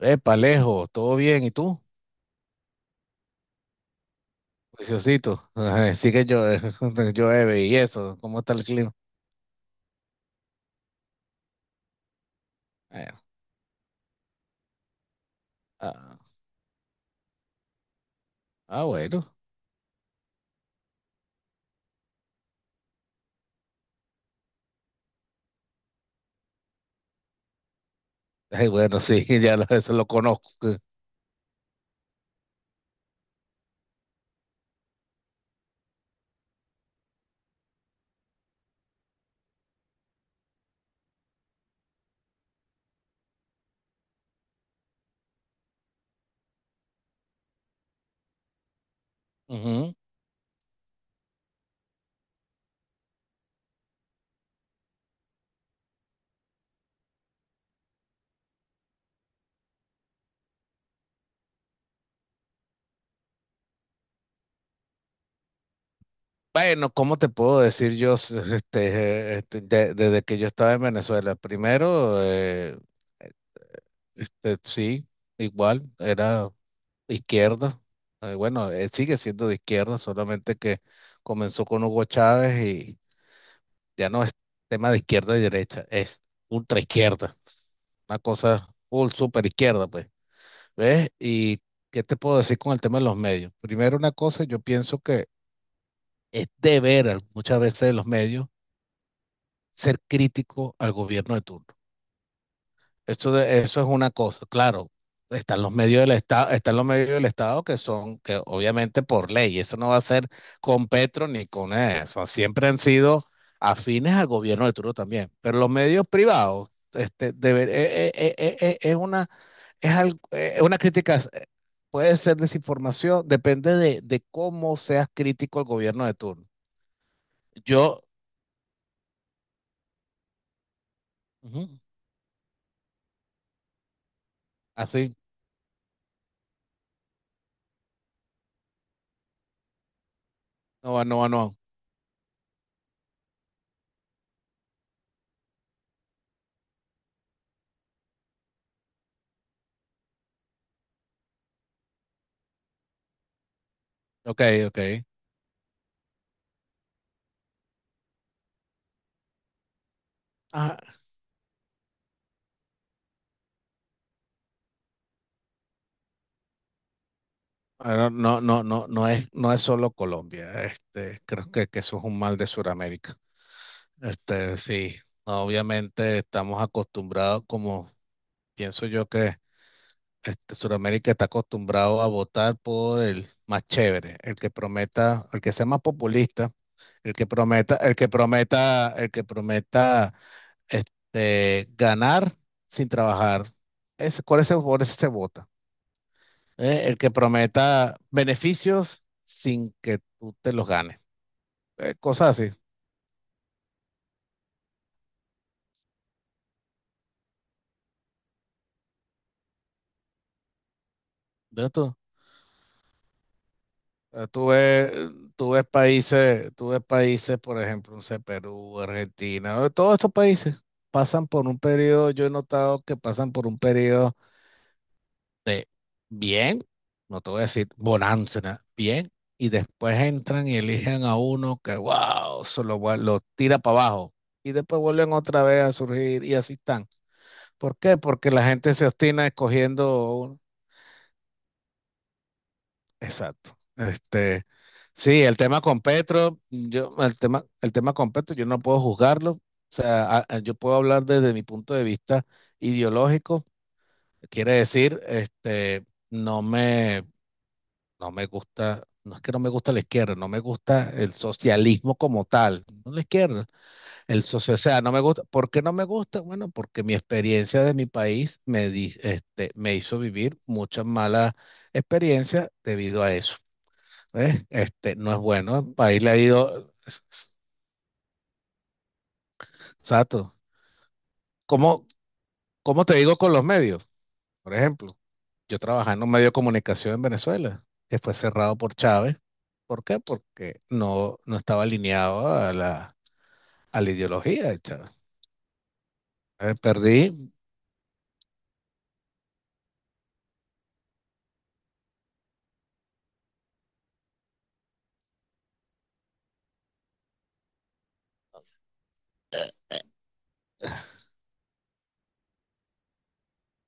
Epa, Alejo, ¿todo bien? ¿Y tú? Preciosito. Ajá, sí que yo, llueve y eso. ¿Cómo está el clima? Eh, ah, bueno. Ay, bueno, sí, ya eso lo conozco. Ujú. Bueno, ¿cómo te puedo decir yo desde que yo estaba en Venezuela? Primero, sí, igual, era izquierda. Bueno, sigue siendo de izquierda, solamente que comenzó con Hugo Chávez, ya no es tema de izquierda y derecha, es ultra izquierda, una cosa full super izquierda, pues. ¿Ves? ¿Y qué te puedo decir con el tema de los medios? Primero, una cosa, yo pienso que es deber muchas veces de los medios ser crítico al gobierno de turno. Eso, eso es una cosa, claro. Están los medios del Estado, están los medios del Estado que son, que obviamente por ley, eso no va a ser con Petro ni con eso. Siempre han sido afines al gobierno de turno también. Pero los medios privados, este, es una, es una crítica, puede ser desinformación, depende de cómo seas crítico al gobierno de turno. Yo, ujú, así, no va, no va, no. Ok, ok. Ah, no, no, no, no es, no es solo Colombia. Este, creo que eso es un mal de Sudamérica. Este, sí, obviamente estamos acostumbrados, como pienso yo que Sudamérica está acostumbrado a votar por el más chévere, el que prometa, el que sea más populista, el que prometa, el que prometa, el que prometa ganar sin trabajar. Ese, por ese, por ese se vota. ¿Eh? El que prometa beneficios sin que tú te los ganes. Cosas así. ¿Ves tú? Eh, Tú ves, tú ves países, por ejemplo, no sé, Perú, Argentina, todos estos países pasan por un periodo, yo he notado que pasan por un periodo de bien, no te voy a decir bonanza, ¿no? Bien, y después entran y eligen a uno que, wow, lo tira para abajo, y después vuelven otra vez a surgir y así están. ¿Por qué? Porque la gente se obstina escogiendo un— Exacto. Este, sí, el tema con Petro, yo no puedo juzgarlo. O sea, yo puedo hablar desde mi punto de vista ideológico. Quiere decir, este, no me, no me gusta, no es que no me gusta la izquierda, no me gusta el socialismo como tal. No la izquierda. El socio, o sea, no me gusta. ¿Por qué no me gusta? Bueno, porque mi experiencia de mi país me hizo vivir muchas malas experiencias debido a eso. ¿Ves? Este, no es bueno. El país le ha ido. Exacto. ¿Cómo, cómo te digo con los medios? Por ejemplo, yo trabajaba en un medio de comunicación en Venezuela, que fue cerrado por Chávez. ¿Por qué? Porque no, no estaba alineado a a la ideología de Chávez. Perdí.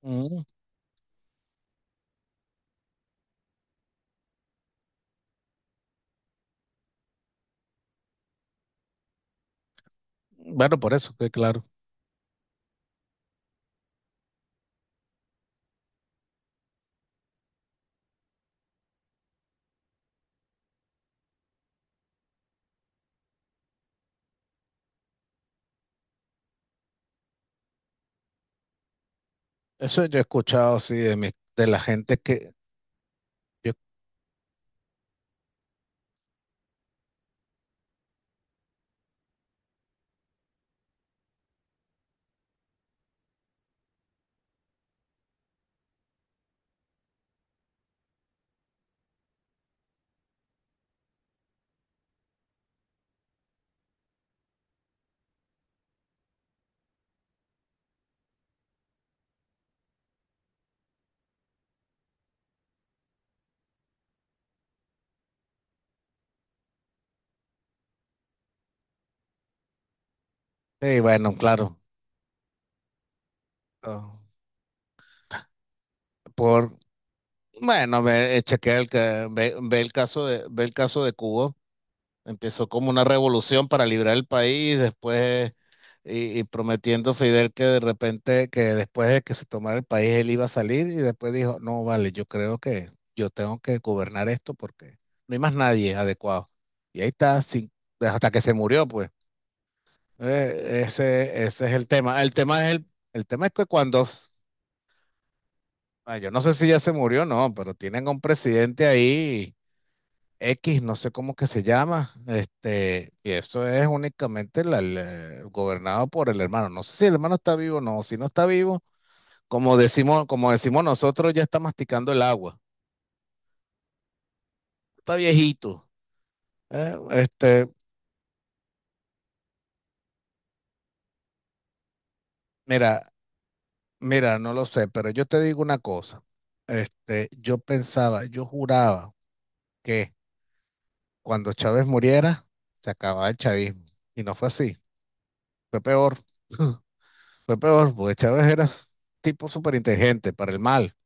Mm, bueno, por eso, que claro. Eso yo he escuchado, sí, de la gente que, yo, sí, bueno, claro, ah, por, bueno, ve, ve, ve el caso de, ve el caso de Cuba, empezó como una revolución para librar el país, después, y prometiendo Fidel que de repente, que después de que se tomara el país, él iba a salir, y después dijo, no, vale, yo creo que yo tengo que gobernar esto porque no hay más nadie adecuado. Y ahí está, hasta que se murió, pues. Ese es el tema. El tema es que ah, yo no sé si ya se murió o no, pero tienen a un presidente ahí, X, no sé cómo que se llama, este, y eso es únicamente gobernado por el hermano. No sé si el hermano está vivo o no, si no está vivo, como decimos nosotros, ya está masticando el agua. Está viejito. eh, este, mira, mira, no lo sé, pero yo te digo una cosa. Este, yo pensaba, yo juraba que cuando Chávez muriera, se acababa el chavismo. Y no fue así, fue peor. Fue peor, porque Chávez era tipo súper inteligente para el mal,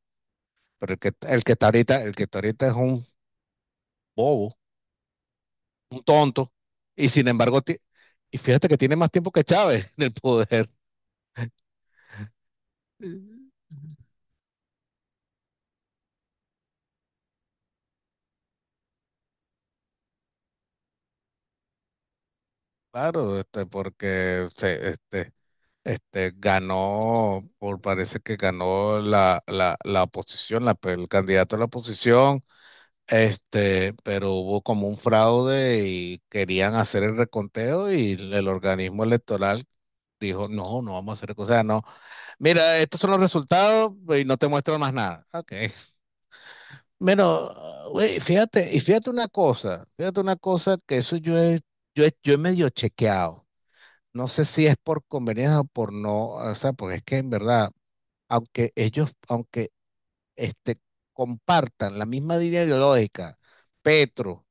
pero el que está ahorita, el que está ahorita es un bobo, un tonto, y sin embargo, y fíjate que tiene más tiempo que Chávez en el poder. Claro, este, porque se- este, ganó, por parece que ganó la oposición, la, el candidato a la oposición. Este, pero hubo como un fraude y querían hacer el reconteo y el organismo electoral dijo, no, no vamos a hacer, o no, mira, estos son los resultados y no te muestro más nada. Okay. Pero, güey, fíjate, y fíjate una cosa que eso yo he medio chequeado. No sé si es por conveniencia o por no, o sea, porque es que en verdad, aunque este, compartan la misma línea ideológica, Petro,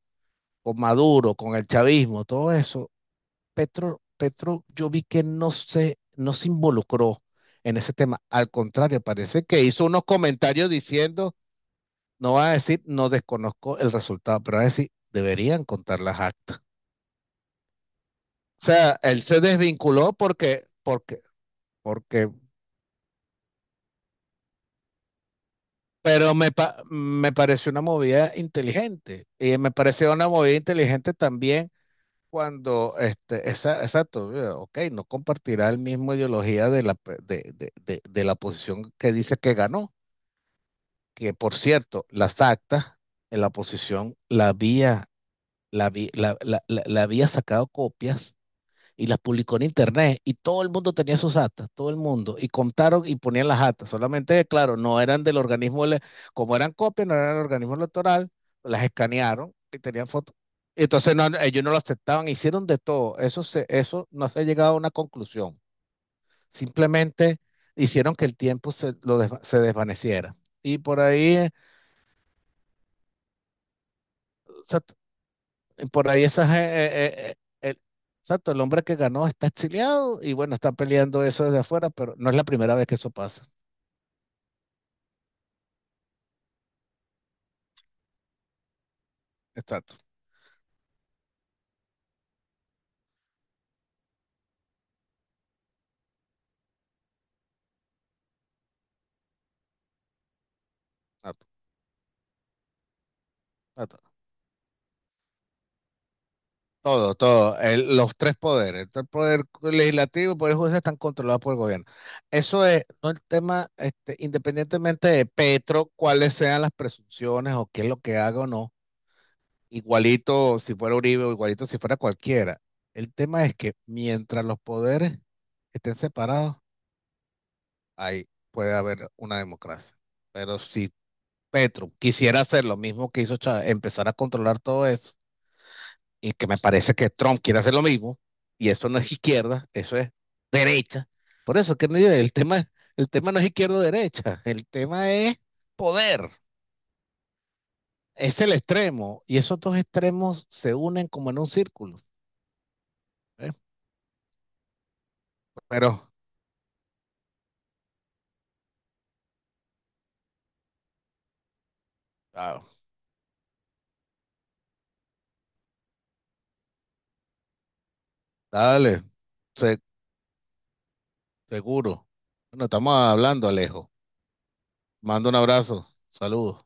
con Maduro, con el chavismo, todo eso, Petro, yo vi que no se involucró en ese tema. Al contrario, parece que hizo unos comentarios diciendo, no va a decir, no desconozco el resultado, pero va a decir, deberían contar las actas. O sea, él se desvinculó porque, me pareció una movida inteligente. Y me pareció una movida inteligente también cuando, exacto, ok, no compartirá el mismo ideología de la, pe- de la posición que dice que ganó, que por cierto, las actas en la oposición la había, la, vi- la- la- la había sacado copias y las publicó en internet y todo el mundo tenía sus actas, todo el mundo, y contaron y ponían las actas, solamente, claro, no eran del organismo, como eran copias, no eran del organismo electoral, las escanearon y tenían fotos. Entonces no, ellos no lo aceptaban, hicieron de todo, eso, se, eso no se ha llegado a una conclusión, simplemente hicieron que el tiempo se desvaneciera. Y por ahí eh, se, Por ahí esas, exacto, el hombre que ganó está exiliado y bueno, está peleando eso desde afuera, pero no es la primera vez que eso pasa. Exacto, exacto, exacto. Todo, todo. Los tres poderes, el poder legislativo y el poder judicial están controlados por el gobierno. Eso es, no el tema, este, independientemente de Petro, cuáles sean las presunciones o qué es lo que haga o no. Igualito si fuera Uribe o igualito si fuera cualquiera. El tema es que mientras los poderes estén separados, ahí puede haber una democracia. Pero si Petro quisiera hacer lo mismo que hizo Chávez, empezar a controlar todo eso, y que me parece que Trump quiere hacer lo mismo, y eso no es izquierda, eso es derecha. Por eso que no- el tema no es izquierda o derecha, el tema es poder, es el extremo, y esos dos extremos se unen como en un círculo. ¿Eh? Pero claro. Dale, se- seguro. Bueno, estamos hablando, Alejo. Mando un abrazo. Saludos.